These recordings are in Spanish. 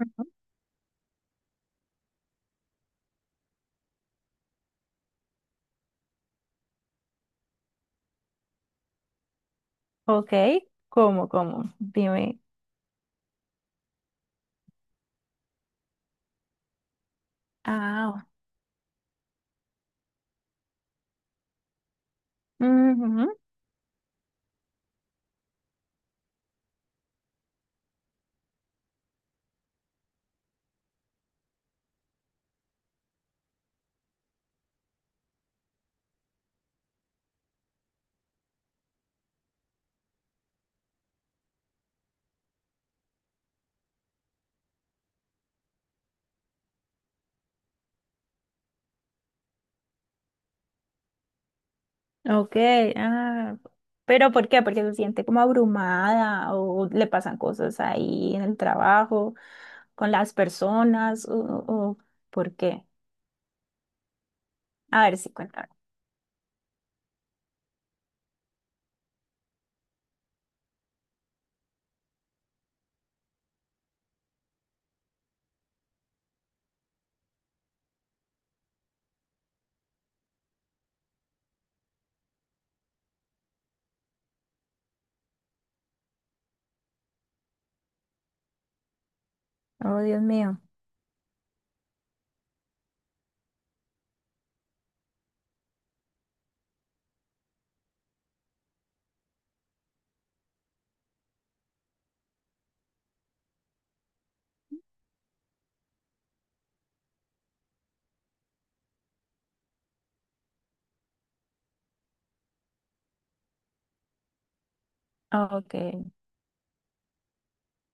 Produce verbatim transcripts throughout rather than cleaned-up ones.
Ujú. Ok, ¿cómo, cómo? Dime. Ah, ujú, Ok, ah, pero ¿por qué? Porque se siente como abrumada o le pasan cosas ahí en el trabajo, con las personas, o, o- ¿por qué? A ver si cuéntame. Oh, Dios mío. Ok,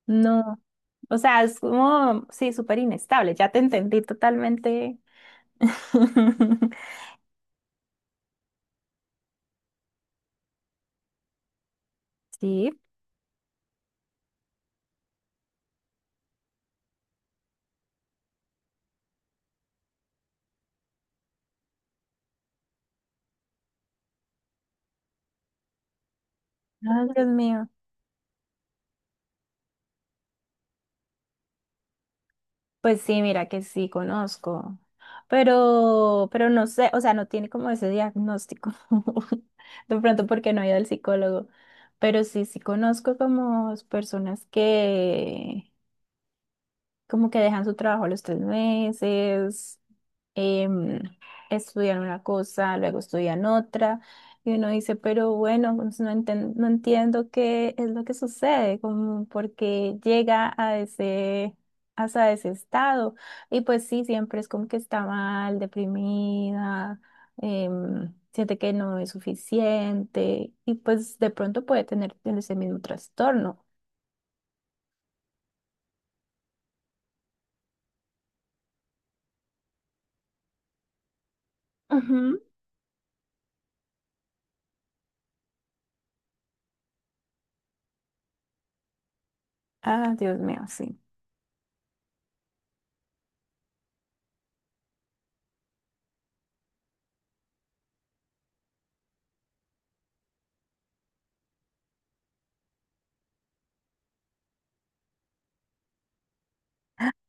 no. O sea, es como, sí, súper inestable. Ya te entendí totalmente. Sí. Ay, Dios mío. Pues sí, mira que sí conozco. Pero, pero no sé, o sea, no tiene como ese diagnóstico. De pronto porque no ha ido al psicólogo, pero sí, sí conozco como personas que como que dejan su trabajo a los tres meses. em, Estudian una cosa, luego estudian otra, y uno dice, pero bueno, pues no enten- no entiendo qué es lo que sucede, como porque llega a ese, hasta ese estado. Y pues sí, siempre es como que está mal, deprimida, em, siente que no es suficiente, y pues de pronto puede tener ese mismo trastorno. Ujú. Ah, Dios mío, sí.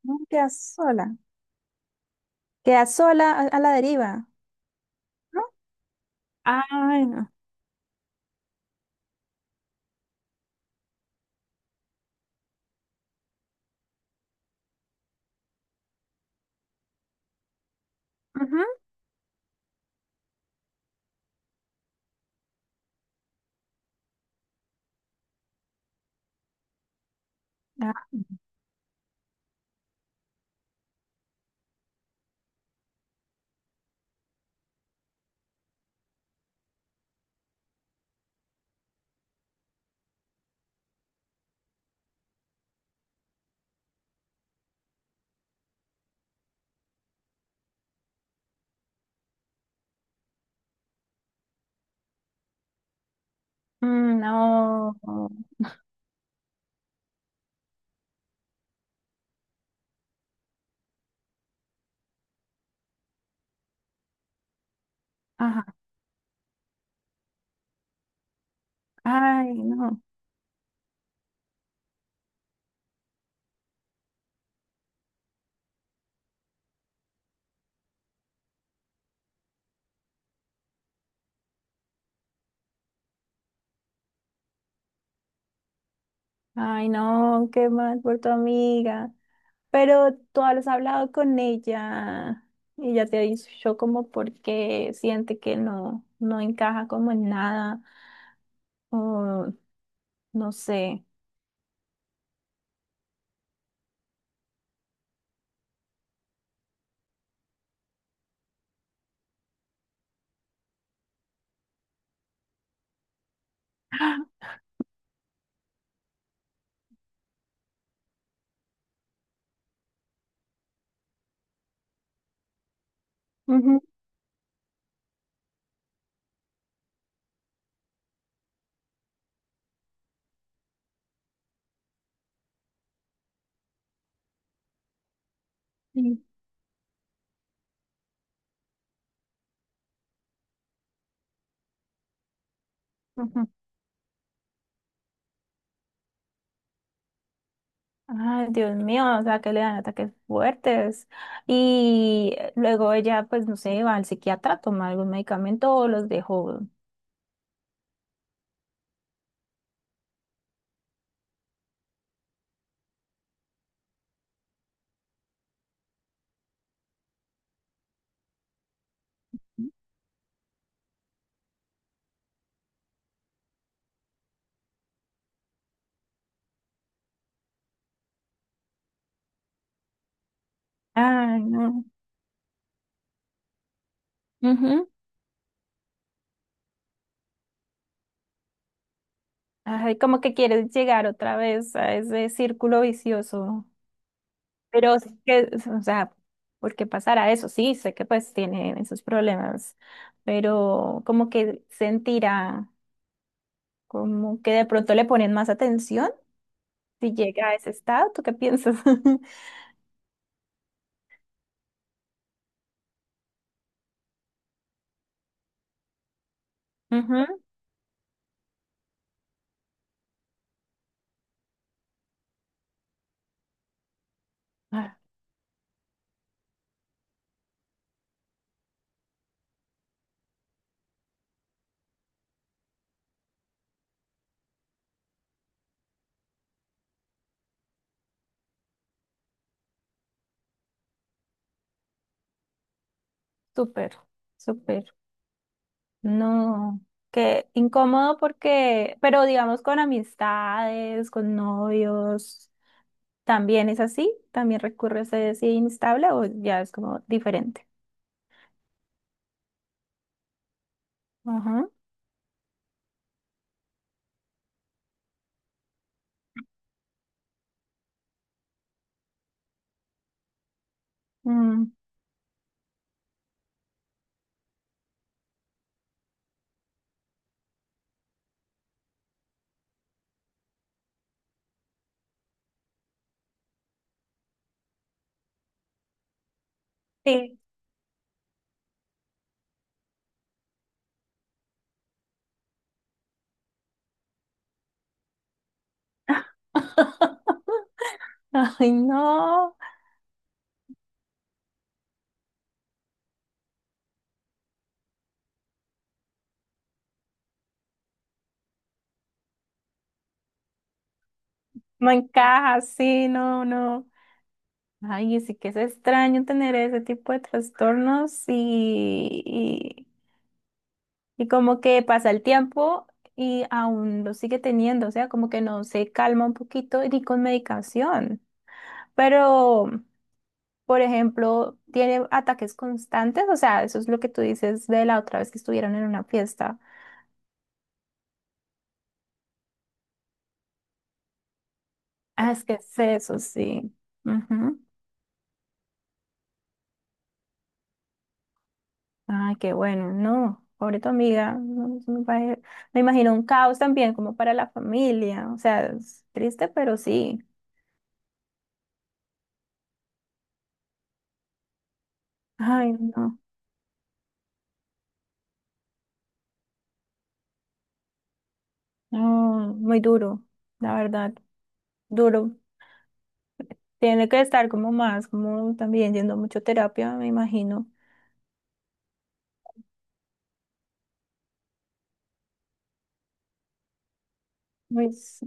No, quedas sola. Quedas sola a, a la deriva. Ay, no. Ujú. Ah, mm, no. Ajá. Ay, no. Ay, no, qué mal por tu amiga. Pero tú has hablado con ella y ya te ha dicho como porque siente que no, no encaja como en nada o no sé. Ujú, sí. Ujú. Ay, Dios mío, o sea, que le dan ataques fuertes. Y luego ella, pues, no sé, va al psiquiatra, toma algún medicamento o los dejó. Ay, no. Ujú. Ay, como que quieres llegar otra vez a ese círculo vicioso. Pero, es que, o sea, ¿por qué pasará eso? Sí, sé que pues tiene esos problemas, pero como que sentirá, como que de pronto le ponen más atención si llega a ese estado. ¿Tú qué piensas? Ujú. Ah, súper, súper. No, qué incómodo porque, pero digamos con amistades, con novios. ¿También es así? ¿También recurre a ese sí inestable o ya es como diferente? Ajá. Mm, sí. Ay, no, no encaja, sí, no, no. Ay, sí que es extraño tener ese tipo de trastornos, y y, y como que pasa el tiempo y aún lo sigue teniendo, o sea, como que no se calma un poquito ni con medicación. Pero por ejemplo, tiene ataques constantes, o sea, eso es lo que tú dices de la otra vez que estuvieron en una fiesta. Ah, es que es eso, sí. Ujú. Ay, qué bueno, no, pobre tu amiga, no, eso me pare- me imagino un caos también como para la familia, o sea, es triste, pero sí. Ay, no, no, muy duro, la verdad, duro. Tiene que estar como más, como también yendo a mucho terapia, me imagino. Pues,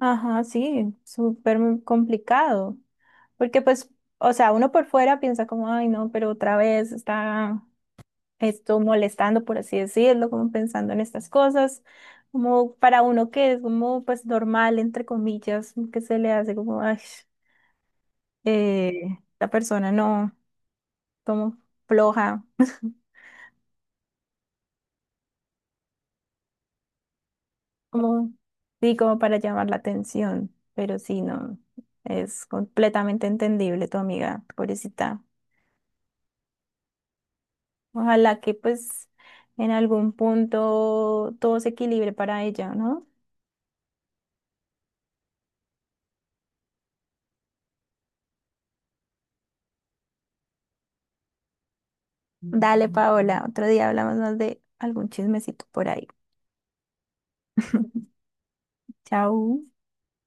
ajá, sí, súper complicado. Porque pues, o sea, uno por fuera piensa como, ay, no, pero otra vez está esto molestando, por así decirlo, como pensando en estas cosas, como para uno que es como pues normal, entre comillas, que se le hace como, ay, eh, la persona no, como floja, como, sí, como para llamar la atención, pero sí, no, es completamente entendible tu amiga, pobrecita. Ojalá que pues en algún punto todo se equilibre para ella, ¿no? Dale, Paola, otro día hablamos más de algún chismecito por ahí. Chao.